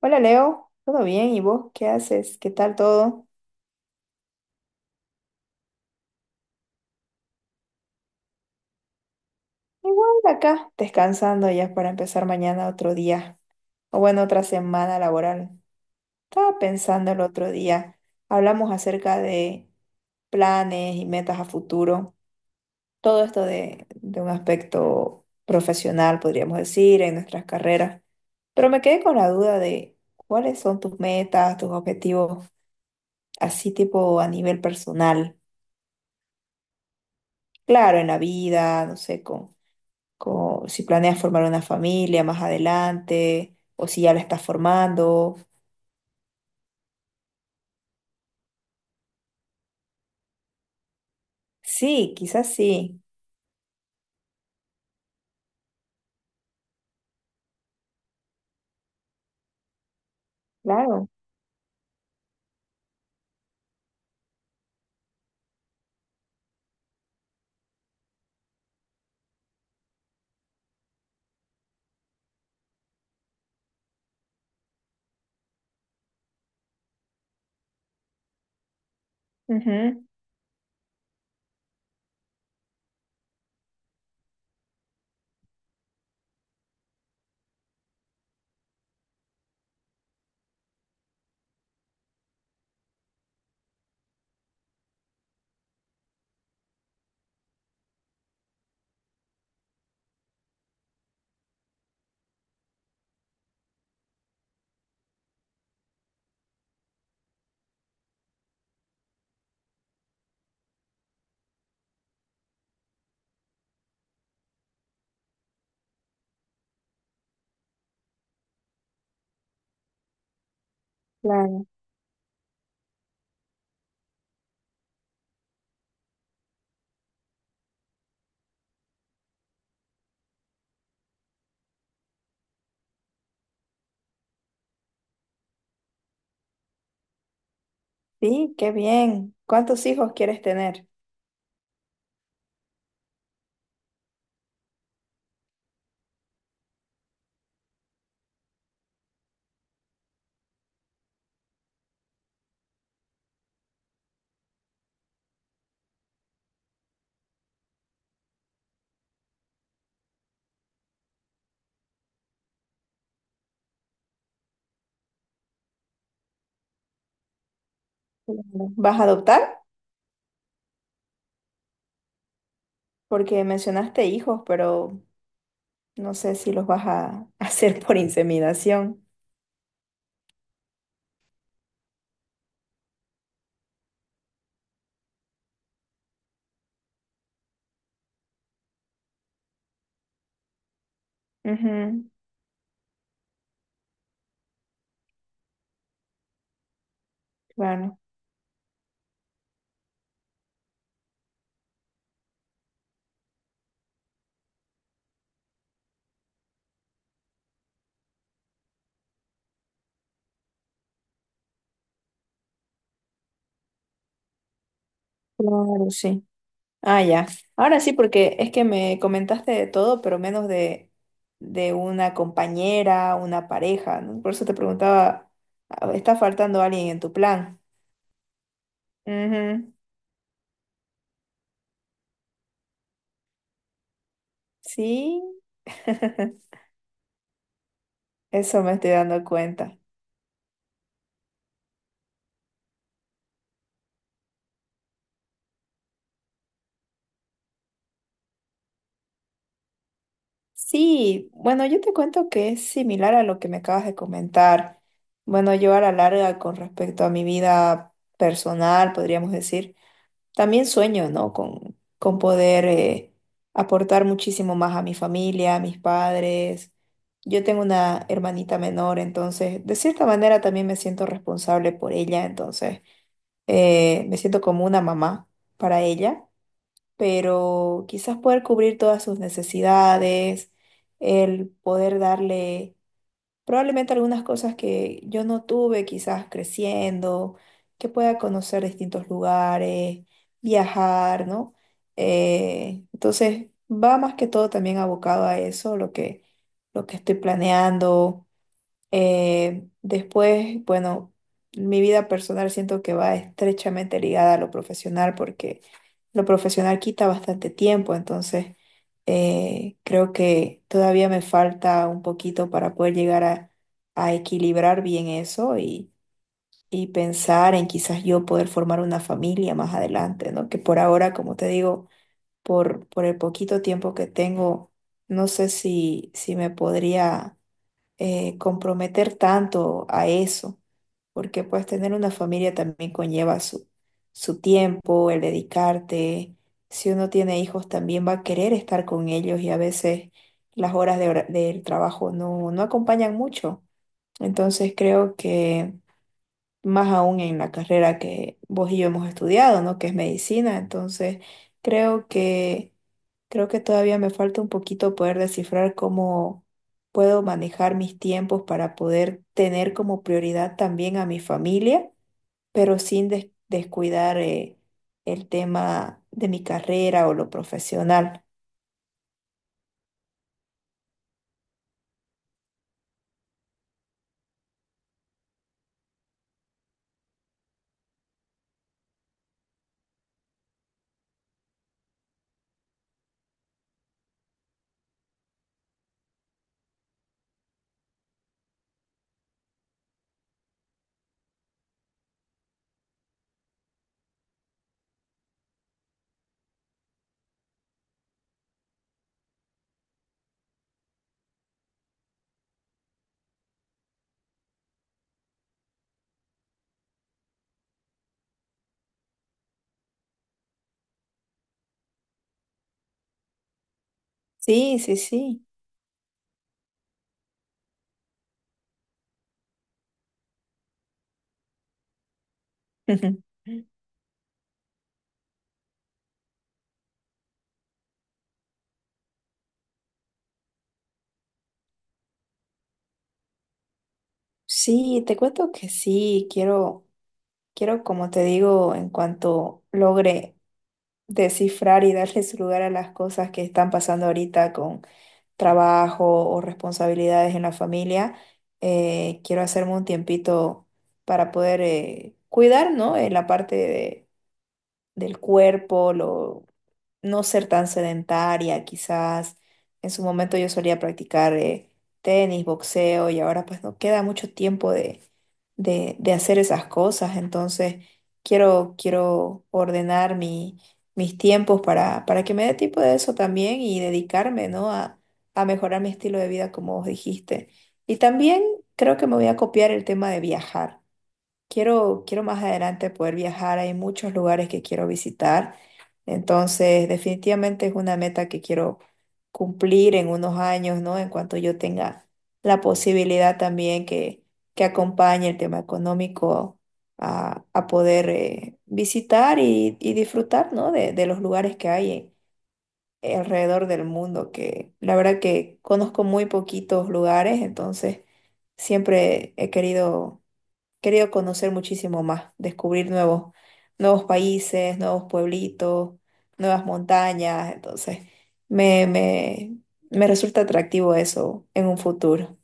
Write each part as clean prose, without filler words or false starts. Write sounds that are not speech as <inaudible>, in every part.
Hola Leo, ¿todo bien? ¿Y vos qué haces? ¿Qué tal todo? Igual acá, descansando ya para empezar mañana otro día, o bueno, otra semana laboral. Estaba pensando el otro día, hablamos acerca de planes y metas a futuro, todo esto de un aspecto profesional, podríamos decir, en nuestras carreras, pero me quedé con la duda de cuáles son tus metas, tus objetivos, así tipo a nivel personal. Claro, en la vida, no sé, como si planeas formar una familia más adelante o si ya la estás formando. Sí, quizás sí, claro. Ujú, claro. Sí, qué bien. ¿Cuántos hijos quieres tener? Claro. ¿Vas a adoptar? Porque mencionaste hijos, pero no sé si los vas a <laughs> hacer por inseminación. Ujú, claro. Claro, sí. Ah, ya. Ahora sí, porque es que me comentaste de todo, pero menos de una compañera, una pareja, ¿no? Por eso te preguntaba, ah, ¿está faltando alguien en tu plan? Ujú. Sí, <laughs> eso me estoy dando cuenta. Sí, bueno, yo te cuento que es similar a lo que me acabas de comentar. Bueno, yo a la larga con respecto a mi vida personal, podríamos decir. También sueño, ¿no? Con poder aportar muchísimo más a mi familia, a mis padres. Yo tengo una hermanita menor, entonces de cierta manera también me siento responsable por ella, entonces me siento como una mamá para ella, pero quizás poder cubrir todas sus necesidades, el poder darle probablemente algunas cosas que yo no tuve, quizás creciendo, que pueda conocer distintos lugares, viajar, ¿no? Entonces, va más que todo también abocado a eso, lo que estoy planeando. Después, bueno, mi vida personal siento que va estrechamente ligada a lo profesional porque lo profesional quita bastante tiempo, entonces creo que todavía me falta un poquito para poder llegar a equilibrar bien eso y pensar en quizás yo poder formar una familia más adelante, ¿no? Que por ahora, como te digo, por el poquito tiempo que tengo, no sé si me podría comprometer tanto a eso, porque pues tener una familia también conlleva su tiempo, el dedicarte. Si uno tiene hijos también va a querer estar con ellos y a veces las horas de del trabajo no acompañan mucho. Entonces creo que más aún en la carrera que vos y yo hemos estudiado, ¿no? Que es medicina. Entonces, creo que creo que todavía me falta un poquito poder descifrar cómo puedo manejar mis tiempos para poder tener como prioridad también a mi familia, pero sin descuidar el tema de mi carrera o lo profesional. Sí, sí, sí. <laughs> Sí, te cuento que sí, quiero, como te digo, en cuanto logre descifrar y darle su lugar a las cosas que están pasando ahorita con trabajo o responsabilidades en la familia, quiero hacerme un tiempito para poder cuidar, ¿no? La parte del cuerpo, lo, no ser tan sedentaria, quizás en su momento yo solía practicar tenis, boxeo y ahora pues no queda mucho tiempo de hacer esas cosas, entonces quiero ordenar mis tiempos para que me dé tiempo de eso también y dedicarme, ¿no? A mejorar mi estilo de vida como vos dijiste. Y también creo que me voy a copiar el tema de viajar. Quiero más adelante poder viajar, hay muchos lugares que quiero visitar, entonces definitivamente es una meta que quiero cumplir en unos años, ¿no? En cuanto yo tenga la posibilidad también que acompañe el tema económico a poder visitar y disfrutar, ¿no? De los lugares que hay alrededor del mundo, que la verdad que conozco muy poquitos lugares, entonces siempre he querido Querido conocer muchísimo más, descubrir nuevos países, nuevos pueblitos, nuevas montañas. Entonces, me, me, me resulta atractivo eso en un futuro.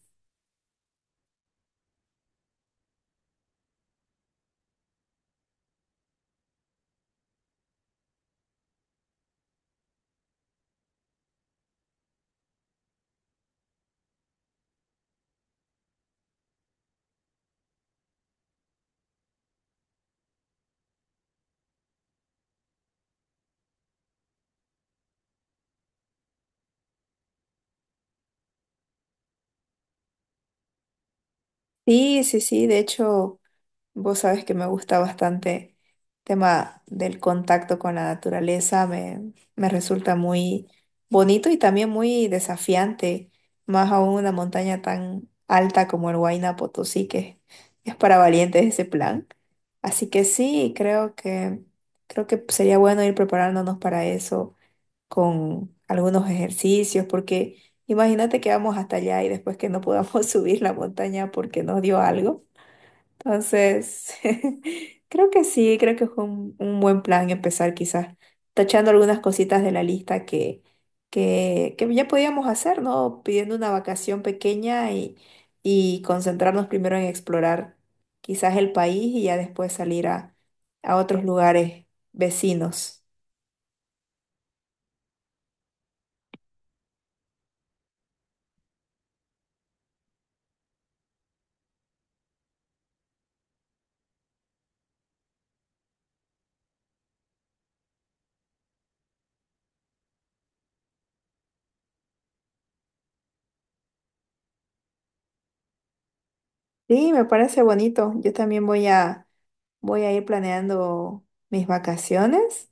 Sí, sí, sí, de hecho. Vos sabés que me gusta bastante el tema del contacto con la naturaleza, me resulta muy bonito y también muy desafiante, más aún una montaña tan alta como el Huayna Potosí, que es para valientes ese plan. Así que sí, creo que sería bueno ir preparándonos para eso con algunos ejercicios, porque imagínate que vamos hasta allá y después que no podamos <laughs> subir la montaña porque nos dio algo. Entonces, <laughs> creo que sí, creo que fue un buen plan empezar quizás tachando algunas cositas de la lista que ya podíamos hacer, ¿no? Pidiendo una vacación pequeña y concentrarnos primero en explorar quizás el país y ya después salir a otros lugares vecinos. Sí, me parece bonito. Yo también voy a ir planeando mis vacaciones.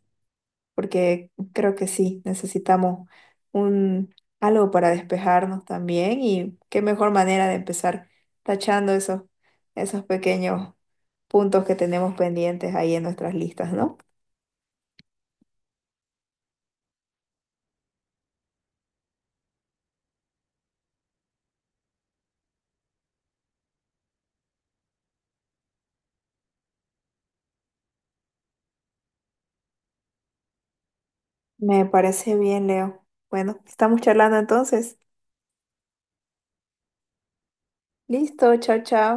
Porque creo que sí, necesitamos un algo para despejarnos también y qué mejor manera de empezar tachando esos pequeños puntos que tenemos pendientes ahí en nuestras listas, ¿no? Me parece bien, Leo. Bueno, estamos charlando entonces. Listo, chao, chao.